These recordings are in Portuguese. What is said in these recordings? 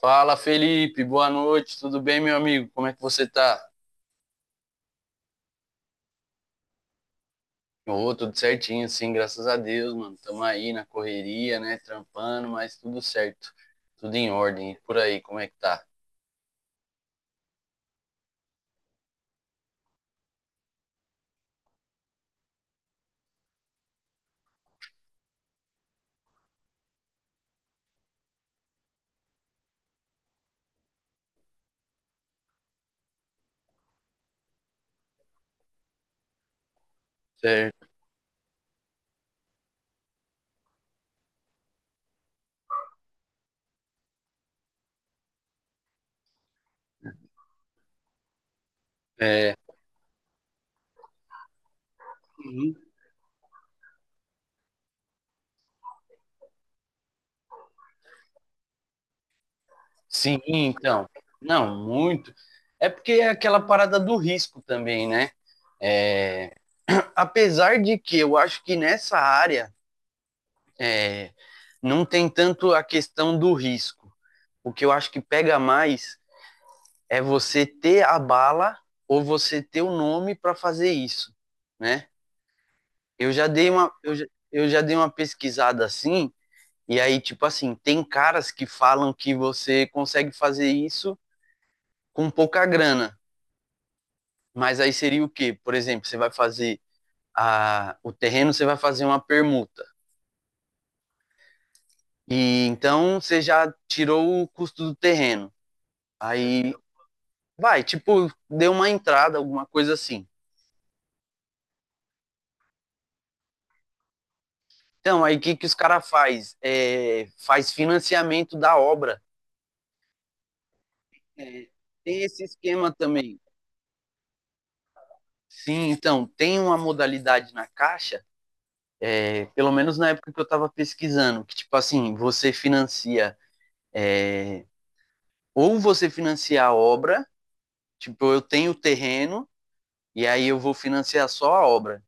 Fala, Felipe. Boa noite. Tudo bem, meu amigo? Como é que você tá? Ô, tudo certinho, sim, graças a Deus, mano. Tamo aí na correria, né? Trampando, mas tudo certo. Tudo em ordem. E por aí, como é que tá? Certo. É. Uhum. Sim, então. Não, muito. É porque é aquela parada do risco também, né? É, apesar de que eu acho que nessa área é, não tem tanto a questão do risco. O que eu acho que pega mais é você ter a bala ou você ter o nome para fazer isso, né? Eu já dei uma eu já, eu já dei uma pesquisada assim, e aí tipo assim, tem caras que falam que você consegue fazer isso com pouca grana, mas aí seria o quê? Por exemplo, você vai fazer a o terreno, você vai fazer uma permuta. E então você já tirou o custo do terreno. Aí vai, tipo, deu uma entrada, alguma coisa assim. Então, aí o que, que os caras faz? É, faz financiamento da obra. É, tem esse esquema também. Sim, então, tem uma modalidade na Caixa, pelo menos na época que eu estava pesquisando, que, tipo assim, você financia, é, ou você financia a obra, tipo, eu tenho o terreno e aí eu vou financiar só a obra.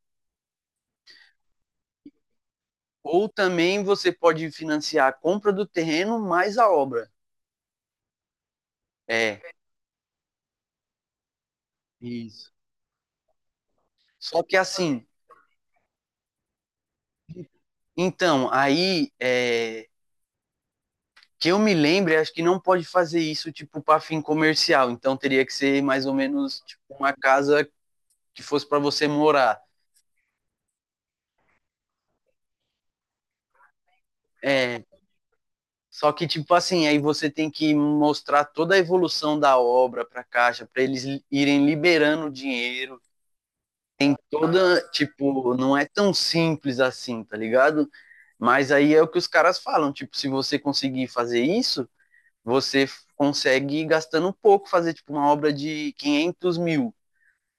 Ou também você pode financiar a compra do terreno mais a obra. É, isso. Só que assim, então, que eu me lembre, acho que não pode fazer isso tipo para fim comercial. Então teria que ser mais ou menos tipo, uma casa que fosse para você morar. É, só que tipo assim, aí você tem que mostrar toda a evolução da obra para a Caixa, para eles irem liberando o dinheiro. Toda tipo, não é tão simples assim, tá ligado? Mas aí é o que os caras falam, tipo, se você conseguir fazer isso, você consegue gastando um pouco fazer tipo uma obra de 500.000.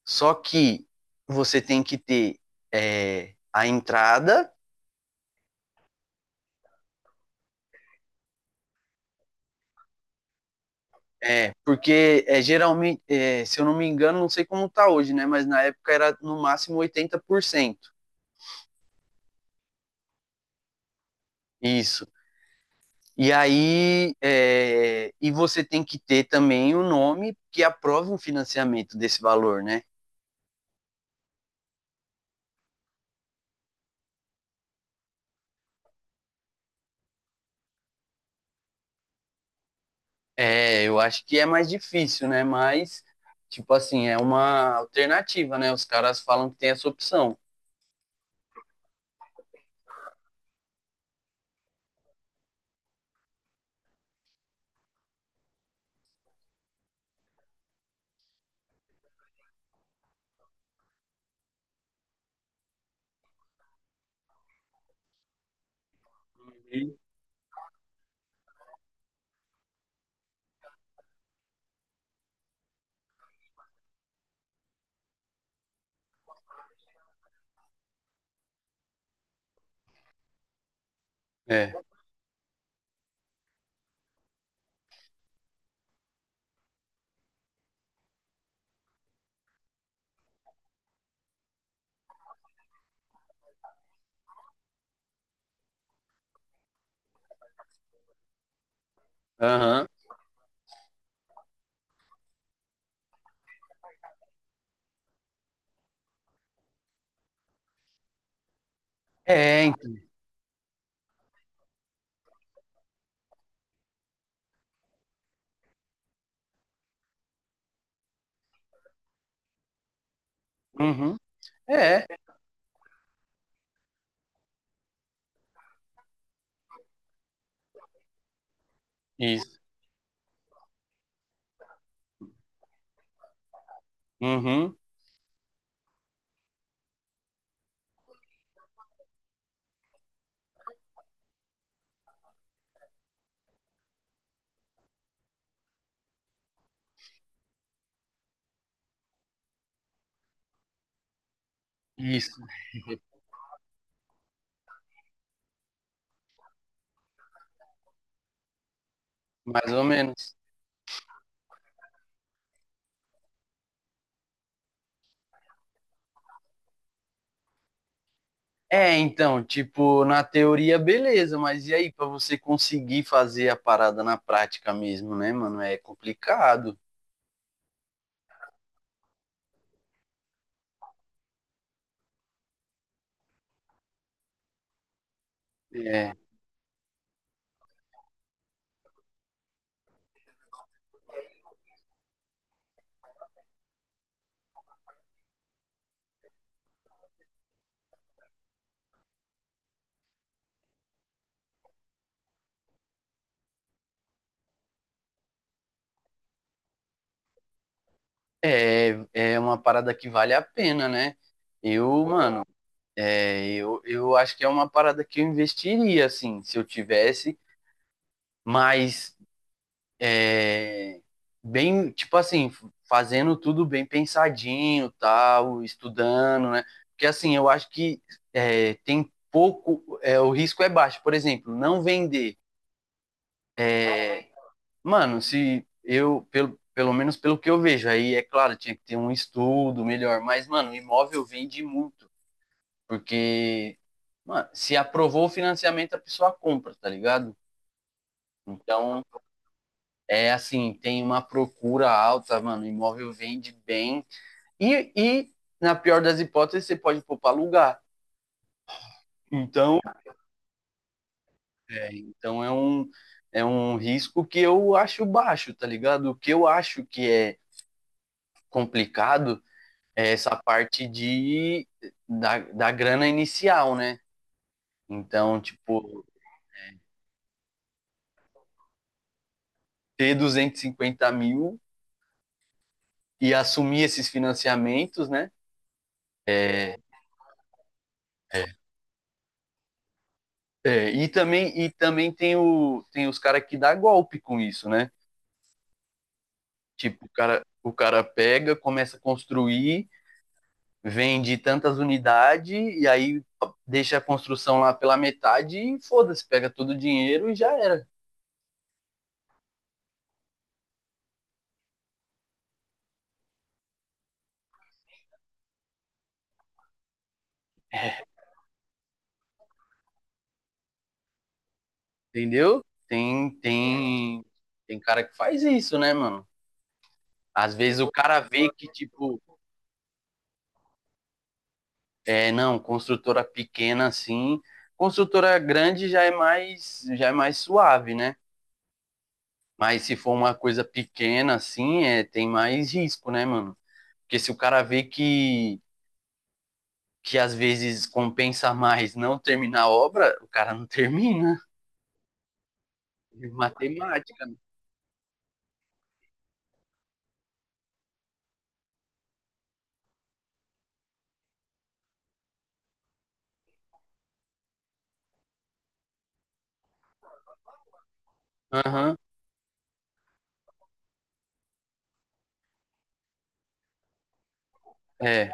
Só que você tem que ter a entrada, geralmente, se eu não me engano, não sei como tá hoje, né? Mas na época era no máximo 80%. Isso. E aí, e você tem que ter também o um nome que aprove um financiamento desse valor, né? É, eu acho que é mais difícil, né? Mas, tipo assim, é uma alternativa, né? Os caras falam que tem essa opção. É. Aham. É, então. Uhum. É, isso. Uhum. Isso. Mais ou menos. É, então, tipo, na teoria, beleza, mas e aí, pra você conseguir fazer a parada na prática mesmo, né, mano? É complicado. É, é uma parada que vale a pena, né? Eu, mano, eu acho que é uma parada que eu investiria, assim, se eu tivesse, mas é, bem, tipo assim, fazendo tudo bem pensadinho, tal, estudando, né? Porque assim, eu acho que o risco é baixo. Por exemplo, não vender. É, mano, se eu, pelo, pelo menos pelo que eu vejo, aí é claro, tinha que ter um estudo melhor, mas, mano, imóvel vende muito, porque, mano, se aprovou o financiamento, a pessoa compra, tá ligado? Então, é assim, tem uma procura alta, mano. O imóvel vende bem. E, e na pior das hipóteses, você pode pôr para alugar. Então, é, então é, um, é um risco que eu acho baixo, tá ligado? O que eu acho que é complicado é essa parte da grana inicial, né? Então, tipo, ter 250.000 e assumir esses financiamentos, né? É. É, e também tem os caras que dá golpe com isso, né? Tipo, o cara pega, começa a construir, vende tantas unidades e aí deixa a construção lá pela metade e foda-se, pega todo o dinheiro e já era. Entendeu? Tem cara que faz isso, né, mano? Às vezes o cara vê que, tipo, não, construtora pequena assim, construtora grande já é mais, suave, né? Mas se for uma coisa pequena assim, tem mais risco, né, mano? Porque se o cara vê que às vezes compensa mais não terminar a obra, o cara não termina. Matemática, né? Aham. É.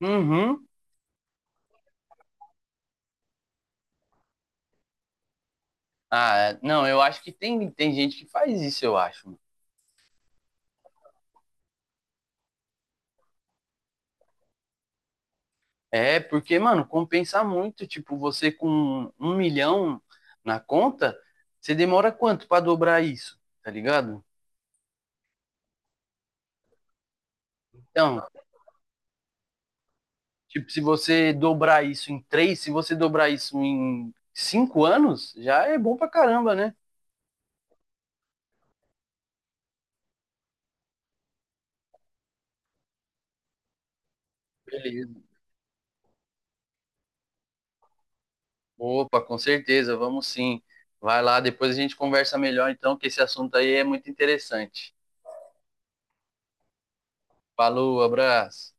Uhum. Ah, não, eu acho que tem gente que faz isso, eu acho. É, porque, mano, compensa muito. Tipo, você com 1 milhão na conta, você demora quanto pra dobrar isso? Tá ligado? Então, tipo, se você dobrar isso em três, se você dobrar isso em 5 anos, já é bom pra caramba, né? Beleza. Opa, com certeza, vamos sim. Vai lá, depois a gente conversa melhor, então, que esse assunto aí é muito interessante. Falou, abraço.